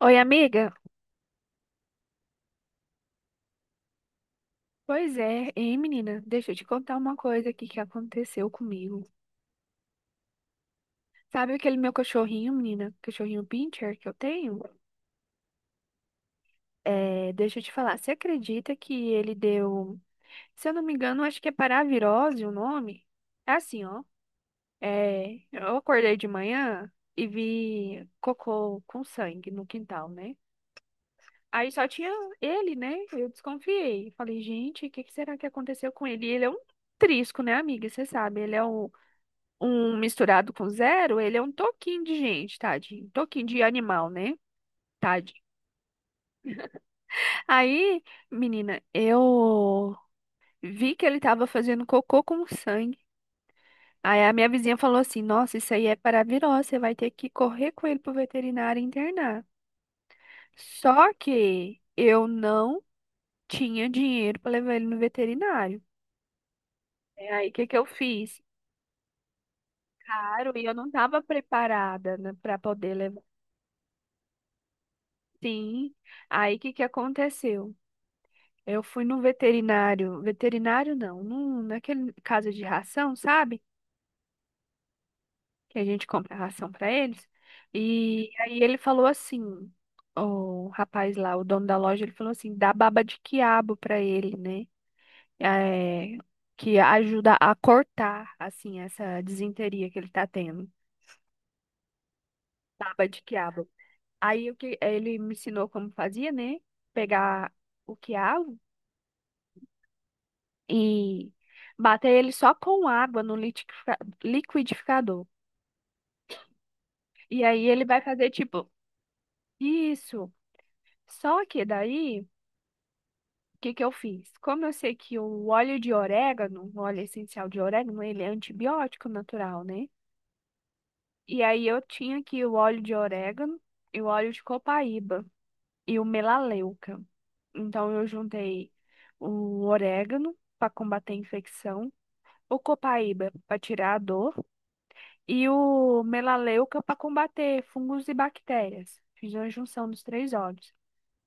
Oi, amiga. Pois é, hein, menina? Deixa eu te contar uma coisa aqui que aconteceu comigo. Sabe aquele meu cachorrinho, menina? Cachorrinho Pinscher que eu tenho? É, deixa eu te falar. Você acredita que ele deu. Se eu não me engano, acho que é paravirose o nome? É assim, ó. É, eu acordei de manhã e vi cocô com sangue no quintal, né? Aí só tinha ele, né? Eu desconfiei. Falei, gente, o que que será que aconteceu com ele? E ele é um trisco, né, amiga? Você sabe, ele é um misturado com zero, ele é um toquinho de gente, tadinho. Toquinho de animal, né? Tadinho. Aí, menina, eu vi que ele tava fazendo cocô com sangue. Aí a minha vizinha falou assim: Nossa, isso aí é para virose, você vai ter que correr com ele pro veterinário e internar. Só que eu não tinha dinheiro para levar ele no veterinário. É. Aí o que que eu fiz? Caro, e eu não tava preparada, né, para poder levar. Sim. Aí o que que aconteceu? Eu fui no veterinário. Veterinário não, num, naquele caso de ração, sabe? Que a gente compra ração para eles. E aí ele falou assim, o rapaz lá, o dono da loja, ele falou assim, dá baba de quiabo para ele, né? É, que ajuda a cortar, assim, essa disenteria que ele tá tendo. Baba de quiabo. Aí o que ele me ensinou como fazia, né? Pegar o quiabo e bater ele só com água no liquidificador. E aí ele vai fazer tipo isso. Só que daí, o que que eu fiz? Como eu sei que o óleo de orégano, o óleo essencial de orégano, ele é antibiótico natural, né? E aí eu tinha aqui o óleo de orégano e o óleo de copaíba e o melaleuca. Então eu juntei o orégano para combater a infecção, o copaíba para tirar a dor e o melaleuca para combater fungos e bactérias. Fiz a junção dos três óleos.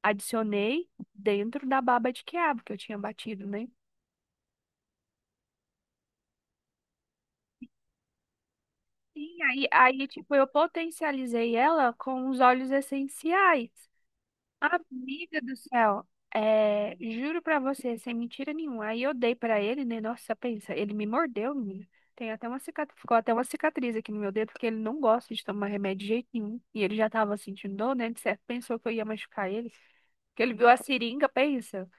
Adicionei dentro da baba de quiabo que eu tinha batido, né? Sim, aí, tipo, eu potencializei ela com os óleos essenciais. Amiga do céu, é, juro pra você, sem mentira nenhuma. Aí eu dei pra ele, né? Nossa, pensa, ele me mordeu, menina. Tem até uma cicatriz, ficou até uma cicatriz aqui no meu dedo, porque ele não gosta de tomar remédio de jeito nenhum. E ele já tava sentindo dor, né? De certo, pensou que eu ia machucar ele. Que ele viu a seringa, pensa,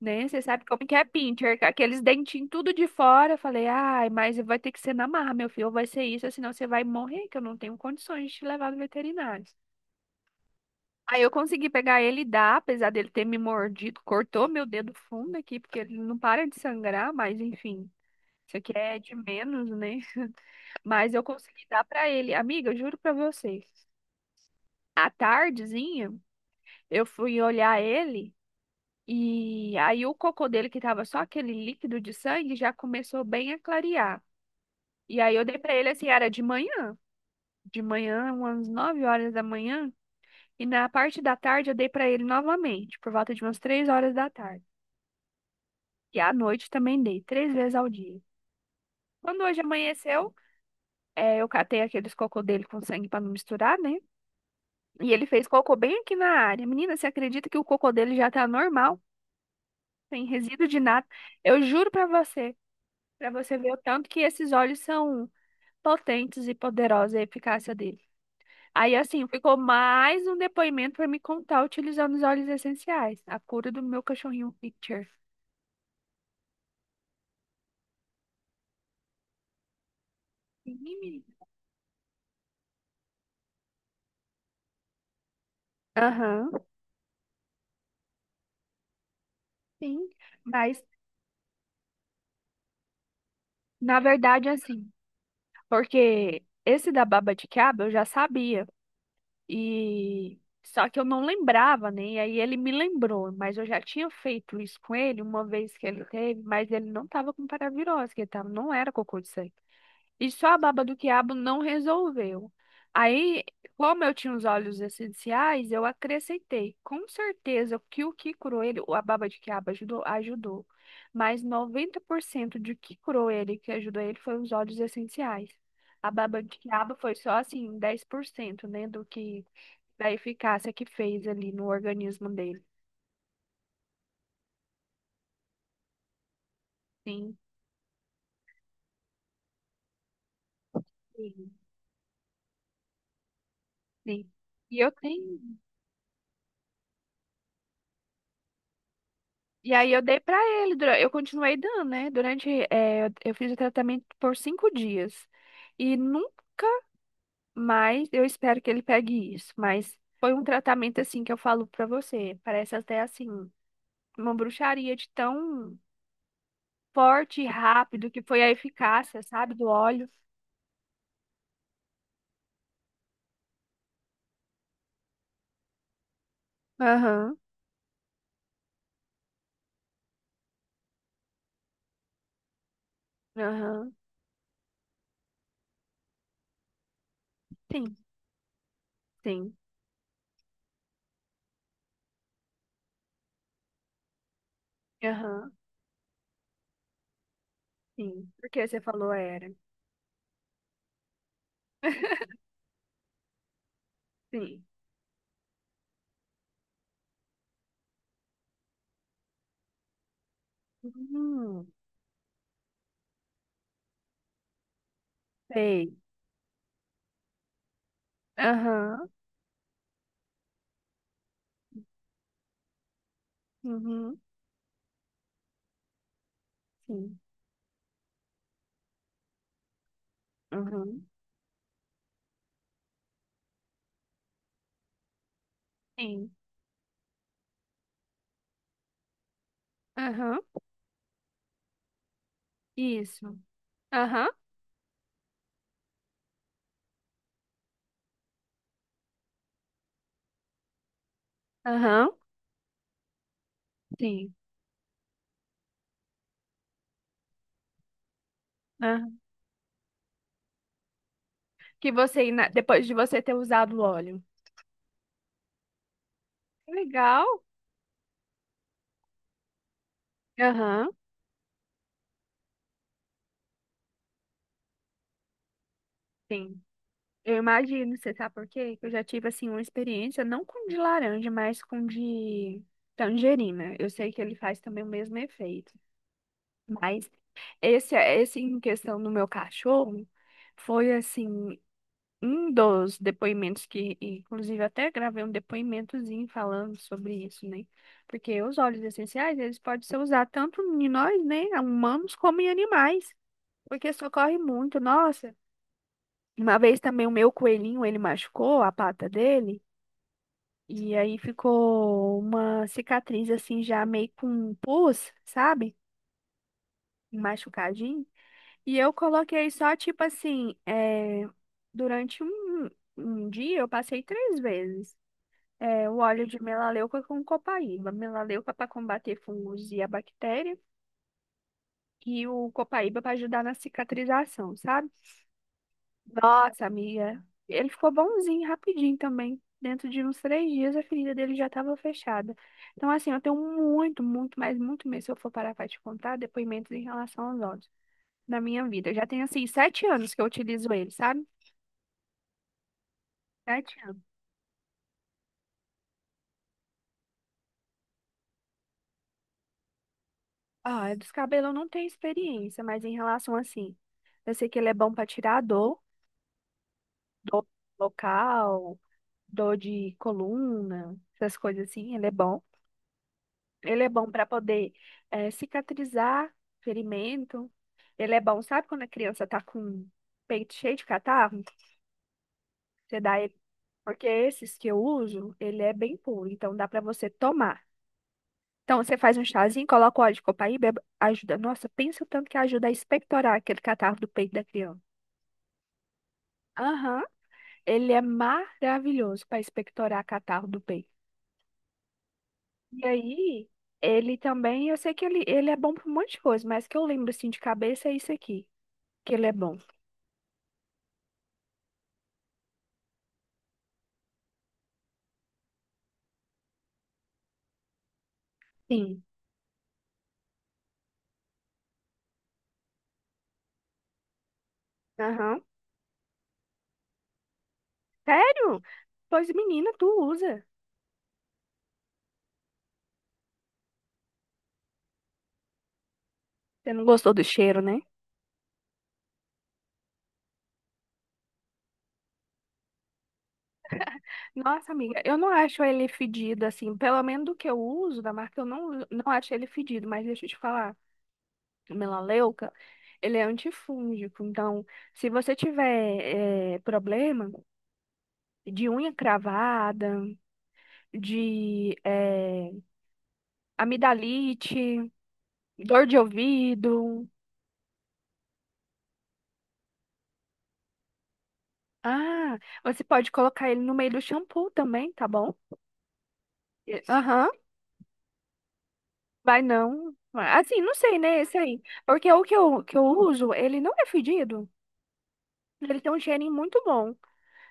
né? Você sabe como que é pincher, com aqueles dentinhos tudo de fora. Eu falei, ai, mas vai ter que ser na marra, meu filho, ou vai ser isso, ou senão você vai morrer, que eu não tenho condições de te levar no veterinário. Aí eu consegui pegar ele e dar, apesar dele ter me mordido, cortou meu dedo fundo aqui, porque ele não para de sangrar, mas enfim, isso aqui é de menos, né? Mas eu consegui dar pra ele. Amiga, eu juro pra vocês. À tardezinha, eu fui olhar ele. E aí o cocô dele, que tava só aquele líquido de sangue, já começou bem a clarear. E aí eu dei pra ele assim, era de manhã, umas 9h da manhã, e na parte da tarde eu dei pra ele novamente, por volta de umas 3h da tarde. E à noite também dei, 3 vezes ao dia. Quando hoje amanheceu, eu catei aqueles cocô dele com sangue pra não misturar, né? E ele fez cocô bem aqui na área. Menina, você acredita que o cocô dele já tá normal, sem resíduo de nada? Eu juro pra você. Pra você ver o tanto que esses óleos são potentes e poderosos, a eficácia deles. Aí, assim, ficou mais um depoimento pra me contar utilizando os óleos essenciais. A cura do meu cachorrinho Picture. Sim, menina. Aham, sim. Mas, na verdade, assim, porque esse da baba de quiabo eu já sabia. E só que eu não lembrava, né? E aí ele me lembrou, mas eu já tinha feito isso com ele uma vez que ele teve, mas ele não tava com paravirose, que ele tava, não era cocô de sangue. E só a baba do quiabo não resolveu. Aí, como eu tinha os óleos essenciais, eu acrescentei. Com certeza que o que curou ele, ou a baba de quiabo ajudou, ajudou. Mas 90% de que curou ele, que ajudou ele, foi os óleos essenciais. A baba de quiabo foi só assim, 10%, né, do que da eficácia que fez ali no organismo dele. Sim, sim, sim. E eu tenho. E aí eu dei pra ele, eu continuei dando, né? Durante, eu fiz o tratamento por 5 dias. E nunca mais eu espero que ele pegue isso. Mas foi um tratamento assim que eu falo pra você. Parece até assim, uma bruxaria de tão forte e rápido que foi a eficácia, sabe, do óleo. Aham, aham. Sim, sim. Aham, sim. Porque você falou era. Sim. Hum, sei. Aham, uhum, sim. Uhum. Sim. Aham. Isso. Aham. Aham. Sim. Aham. Que você, ina- depois de você ter usado o óleo. Legal. Aham. Sim. Eu imagino, você sabe por quê? Que eu já tive, assim, uma experiência, não com de laranja, mas com de tangerina. Eu sei que ele faz também o mesmo efeito. Mas esse em questão do meu cachorro, foi assim. Um dos depoimentos que, inclusive, até gravei um depoimentozinho falando sobre isso, né? Porque os óleos essenciais, eles podem ser usados tanto em nós, né, humanos, como em animais, porque socorre muito. Nossa, uma vez também o meu coelhinho, ele machucou a pata dele, e aí ficou uma cicatriz, assim, já meio com um pus, sabe? Machucadinho. E eu coloquei só, tipo assim, é, durante um dia, eu passei 3 vezes. É, o óleo de melaleuca com copaíba. Melaleuca para combater fungos e a bactéria. E o copaíba para ajudar na cicatrização, sabe? Nossa, amiga. Ele ficou bonzinho, rapidinho também. Dentro de uns 3 dias, a ferida dele já estava fechada. Então, assim, eu tenho muito, muito, mas muito mesmo, se eu for parar para te contar, depoimentos em relação aos óleos na minha vida. Eu já tenho, assim, 7 anos que eu utilizo ele, sabe? 7 anos. Ah, dos cabelos eu não tenho experiência, mas em relação, assim, eu sei que ele é bom para tirar a dor. Dor local, dor de coluna, essas coisas assim, ele é bom. Ele é bom para poder cicatrizar ferimento. Ele é bom, sabe quando a criança tá com o peito cheio de catarro? Você dá ele, porque esses que eu uso, ele é bem puro, então dá para você tomar. Então você faz um chazinho, coloca o óleo de copaíba, ajuda. Nossa, pensa o tanto que ajuda a expectorar aquele catarro do peito da criança. Aham, ele é maravilhoso para expectorar catarro do peito. E aí, ele também, eu sei que ele é bom pra um monte de coisa, mas que eu lembro assim de cabeça é isso aqui, que ele é bom. Sim. Aham. Sério? Pois menina, tu usa. Você não gostou do cheiro, né? Nossa, amiga, eu não acho ele fedido assim, pelo menos do que eu uso da marca, eu não, não acho ele fedido, mas deixa eu te falar, o melaleuca, ele é antifúngico, então se você tiver problema de unha cravada, de amidalite, dor de ouvido. Ah, você pode colocar ele no meio do shampoo também, tá bom? Aham, vai não. Assim, não sei, né? Esse aí. Porque o que eu uso, ele não é fedido. Ele tem um cheirinho muito bom.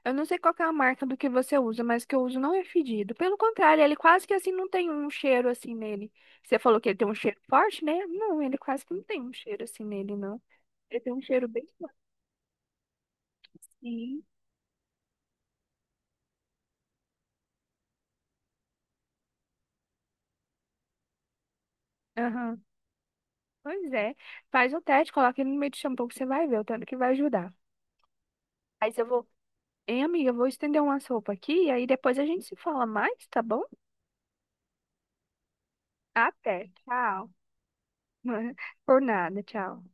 Eu não sei qual que é a marca do que você usa, mas que eu uso não é fedido. Pelo contrário, ele quase que assim não tem um cheiro assim nele. Você falou que ele tem um cheiro forte, né? Não, ele quase que não tem um cheiro assim nele, não. Ele tem um cheiro bem forte. Sim. Pois é. Faz o teste, coloca ele no meio do shampoo que você vai ver o tanto que vai ajudar. Aí eu vou. Hein, amiga, eu vou estender uma sopa aqui e aí depois a gente se fala mais, tá bom? Até. Tchau. Por nada, tchau.